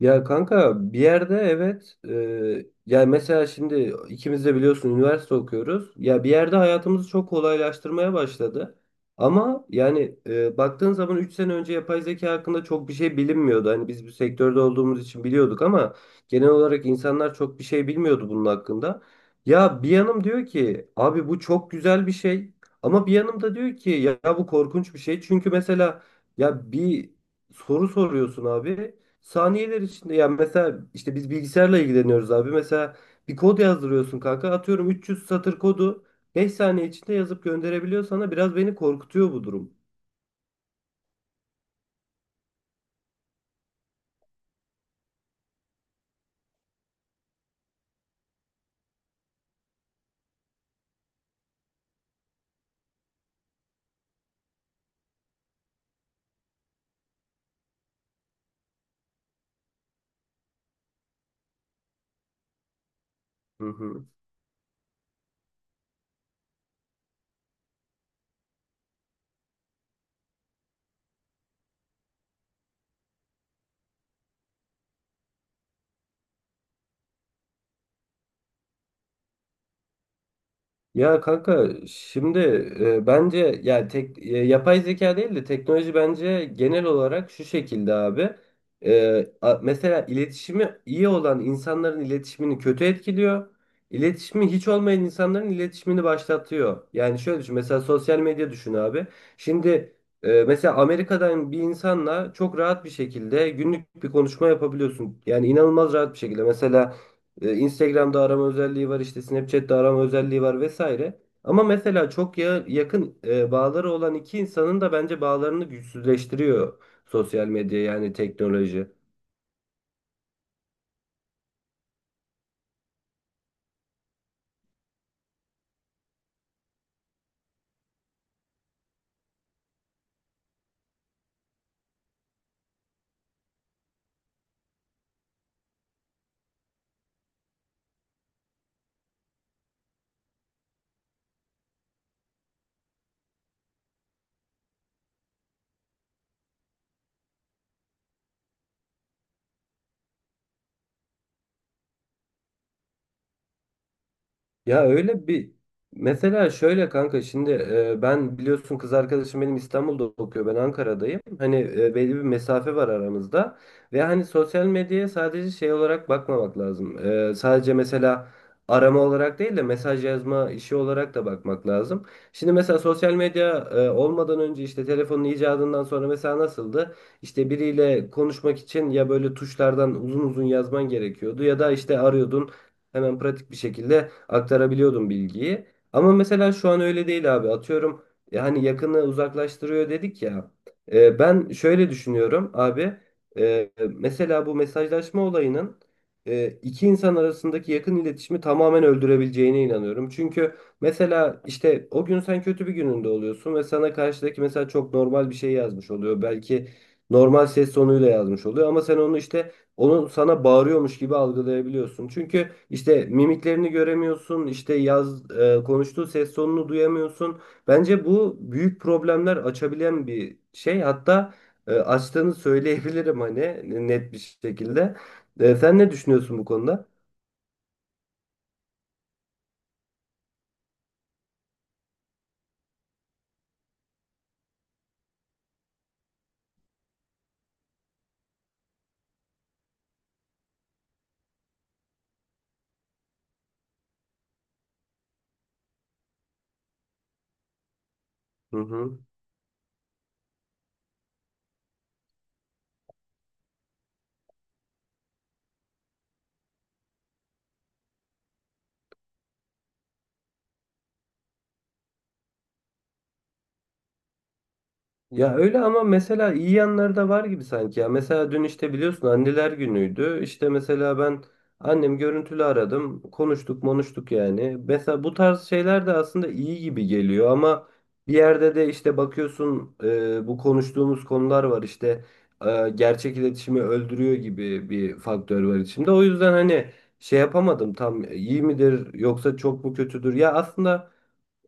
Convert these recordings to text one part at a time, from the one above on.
Ya kanka bir yerde evet, yani mesela şimdi ikimiz de biliyorsun üniversite okuyoruz. Ya bir yerde hayatımızı çok kolaylaştırmaya başladı. Ama yani baktığın zaman 3 sene önce yapay zeka hakkında çok bir şey bilinmiyordu. Hani biz bu sektörde olduğumuz için biliyorduk ama genel olarak insanlar çok bir şey bilmiyordu bunun hakkında. Ya bir yanım diyor ki abi bu çok güzel bir şey, ama bir yanım da diyor ki ya bu korkunç bir şey. Çünkü mesela ya bir soru soruyorsun abi. Saniyeler içinde yani mesela işte biz bilgisayarla ilgileniyoruz abi. Mesela bir kod yazdırıyorsun kanka. Atıyorum 300 satır kodu 5 saniye içinde yazıp gönderebiliyor sana. Biraz beni korkutuyor bu durum. Hı hı. Ya kanka şimdi bence yani tek yapay zeka değil de teknoloji bence genel olarak şu şekilde abi. Mesela iletişimi iyi olan insanların iletişimini kötü etkiliyor. İletişimi hiç olmayan insanların iletişimini başlatıyor. Yani şöyle düşün mesela sosyal medya düşün abi. Şimdi mesela Amerika'dan bir insanla çok rahat bir şekilde günlük bir konuşma yapabiliyorsun. Yani inanılmaz rahat bir şekilde. Mesela Instagram'da arama özelliği var, işte Snapchat'te arama özelliği var vesaire. Ama mesela çok yakın bağları olan iki insanın da bence bağlarını güçsüzleştiriyor sosyal medya yani teknoloji. Ya öyle bir mesela şöyle kanka şimdi ben biliyorsun kız arkadaşım benim İstanbul'da okuyor, ben Ankara'dayım. Hani belli bir mesafe var aramızda ve hani sosyal medyaya sadece şey olarak bakmamak lazım. Sadece mesela arama olarak değil de mesaj yazma işi olarak da bakmak lazım. Şimdi mesela sosyal medya olmadan önce işte telefonun icadından sonra mesela nasıldı? İşte biriyle konuşmak için ya böyle tuşlardan uzun uzun yazman gerekiyordu ya da işte arıyordun. Hemen pratik bir şekilde aktarabiliyordum bilgiyi. Ama mesela şu an öyle değil abi. Atıyorum hani yakını uzaklaştırıyor dedik ya. Ben şöyle düşünüyorum abi. Mesela bu mesajlaşma olayının iki insan arasındaki yakın iletişimi tamamen öldürebileceğine inanıyorum. Çünkü mesela işte o gün sen kötü bir gününde oluyorsun ve sana karşıdaki mesela çok normal bir şey yazmış oluyor. Belki normal ses tonuyla yazmış oluyor ama sen onu işte onu sana bağırıyormuş gibi algılayabiliyorsun. Çünkü işte mimiklerini göremiyorsun, işte konuştuğu ses tonunu duyamıyorsun. Bence bu büyük problemler açabilen bir şey. Hatta açtığını söyleyebilirim hani net bir şekilde. Sen ne düşünüyorsun bu konuda? Hı hı. Ya öyle ama mesela iyi yanları da var gibi sanki ya. Mesela dün işte biliyorsun anneler günüydü. İşte mesela ben annem görüntülü aradım. Konuştuk monuştuk yani. Mesela bu tarz şeyler de aslında iyi gibi geliyor ama bir yerde de işte bakıyorsun bu konuştuğumuz konular var işte gerçek iletişimi öldürüyor gibi bir faktör var içinde. O yüzden hani şey yapamadım tam, iyi midir yoksa çok mu kötüdür? Ya aslında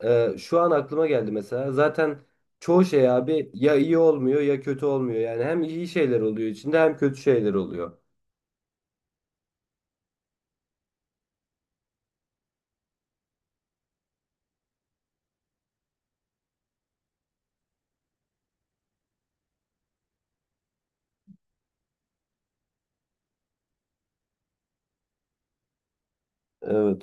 şu an aklıma geldi mesela. Zaten çoğu şey abi ya iyi olmuyor ya kötü olmuyor. Yani hem iyi şeyler oluyor içinde hem kötü şeyler oluyor. Evet.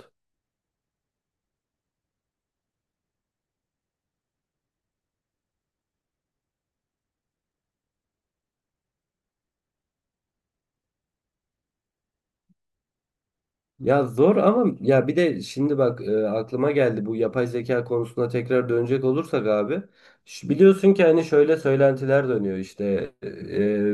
Ya zor ama ya bir de şimdi bak aklıma geldi, bu yapay zeka konusuna tekrar dönecek olursak abi. Biliyorsun ki hani şöyle söylentiler dönüyor işte e,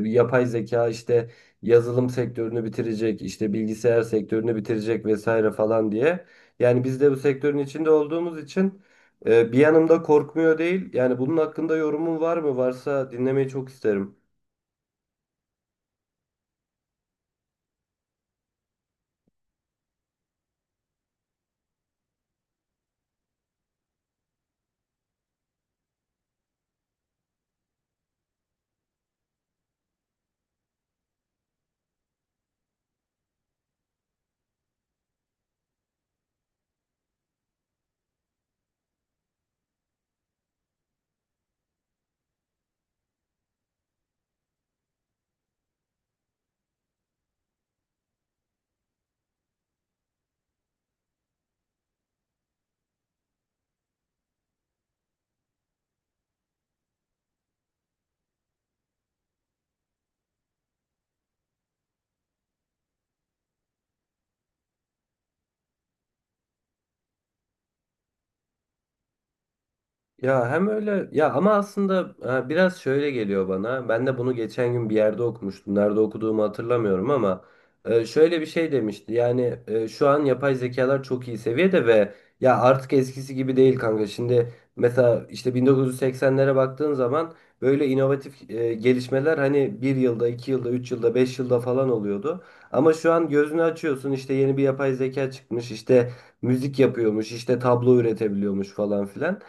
e, yapay zeka işte yazılım sektörünü bitirecek, işte bilgisayar sektörünü bitirecek vesaire falan diye. Yani biz de bu sektörün içinde olduğumuz için bir yanımda korkmuyor değil. Yani bunun hakkında yorumun var mı? Varsa dinlemeyi çok isterim. Ya hem öyle ya ama aslında biraz şöyle geliyor bana. Ben de bunu geçen gün bir yerde okumuştum. Nerede okuduğumu hatırlamıyorum ama şöyle bir şey demişti. Yani şu an yapay zekalar çok iyi seviyede ve ya artık eskisi gibi değil kanka. Şimdi mesela işte 1980'lere baktığın zaman böyle inovatif gelişmeler hani bir yılda, iki yılda, üç yılda, beş yılda falan oluyordu. Ama şu an gözünü açıyorsun işte yeni bir yapay zeka çıkmış, işte müzik yapıyormuş, işte tablo üretebiliyormuş falan filan.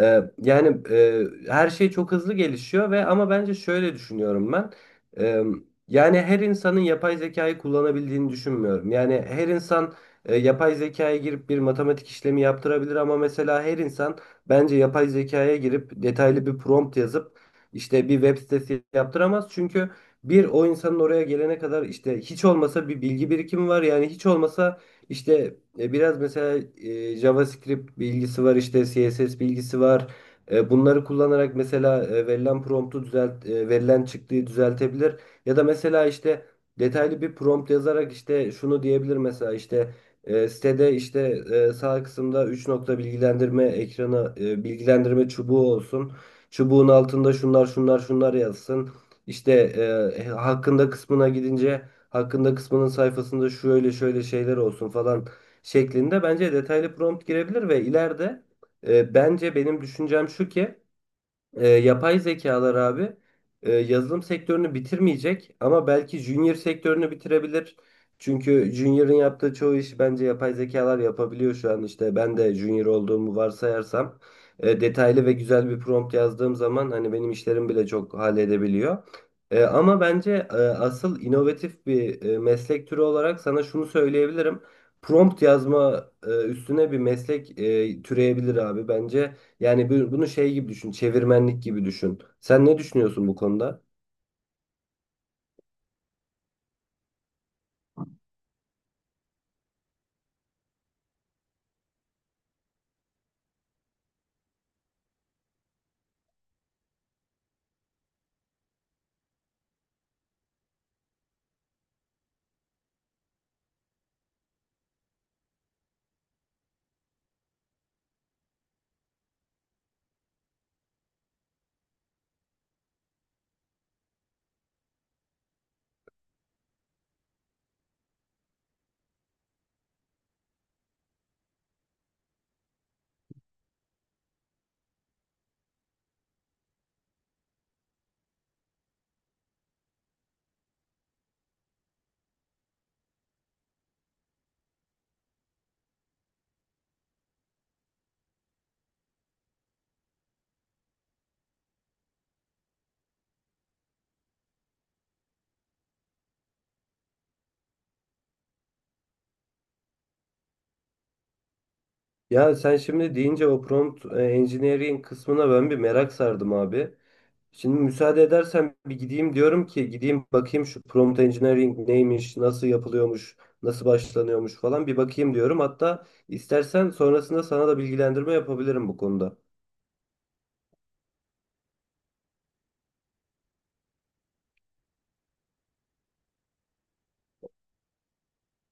Yani her şey çok hızlı gelişiyor ve ama bence şöyle düşünüyorum ben. Ee, Yani her insanın yapay zekayı kullanabildiğini düşünmüyorum. Yani her insan yapay zekaya girip bir matematik işlemi yaptırabilir ama mesela her insan bence yapay zekaya girip detaylı bir prompt yazıp işte bir web sitesi yaptıramaz. Çünkü bir, o insanın oraya gelene kadar işte hiç olmasa bir bilgi birikimi var. Yani hiç olmasa işte biraz mesela JavaScript bilgisi var, işte CSS bilgisi var. Bunları kullanarak mesela verilen promptu düzelt, verilen çıktığı düzeltebilir. Ya da mesela işte detaylı bir prompt yazarak işte şunu diyebilir mesela, işte sitede işte sağ kısımda üç nokta bilgilendirme ekranı, bilgilendirme çubuğu olsun. Çubuğun altında şunlar şunlar şunlar yazsın. İşte hakkında kısmına gidince hakkında kısmının sayfasında şöyle şöyle şeyler olsun falan şeklinde bence detaylı prompt girebilir. Ve ileride bence benim düşüncem şu ki yapay zekalar abi yazılım sektörünü bitirmeyecek ama belki junior sektörünü bitirebilir. Çünkü junior'ın yaptığı çoğu işi bence yapay zekalar yapabiliyor şu an, işte ben de junior olduğumu varsayarsam detaylı ve güzel bir prompt yazdığım zaman hani benim işlerim bile çok halledebiliyor. Ama bence asıl inovatif bir meslek türü olarak sana şunu söyleyebilirim. Prompt yazma üstüne bir meslek türeyebilir abi. Bence yani bunu şey gibi düşün, çevirmenlik gibi düşün. Sen ne düşünüyorsun bu konuda? Ya sen şimdi deyince o prompt engineering kısmına ben bir merak sardım abi. Şimdi müsaade edersen bir gideyim, diyorum ki gideyim bakayım şu prompt engineering neymiş, nasıl yapılıyormuş, nasıl başlanıyormuş falan, bir bakayım diyorum. Hatta istersen sonrasında sana da bilgilendirme yapabilirim bu konuda.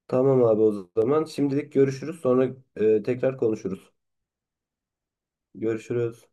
Tamam abi, o zaman şimdilik görüşürüz, sonra tekrar konuşuruz. Görüşürüz.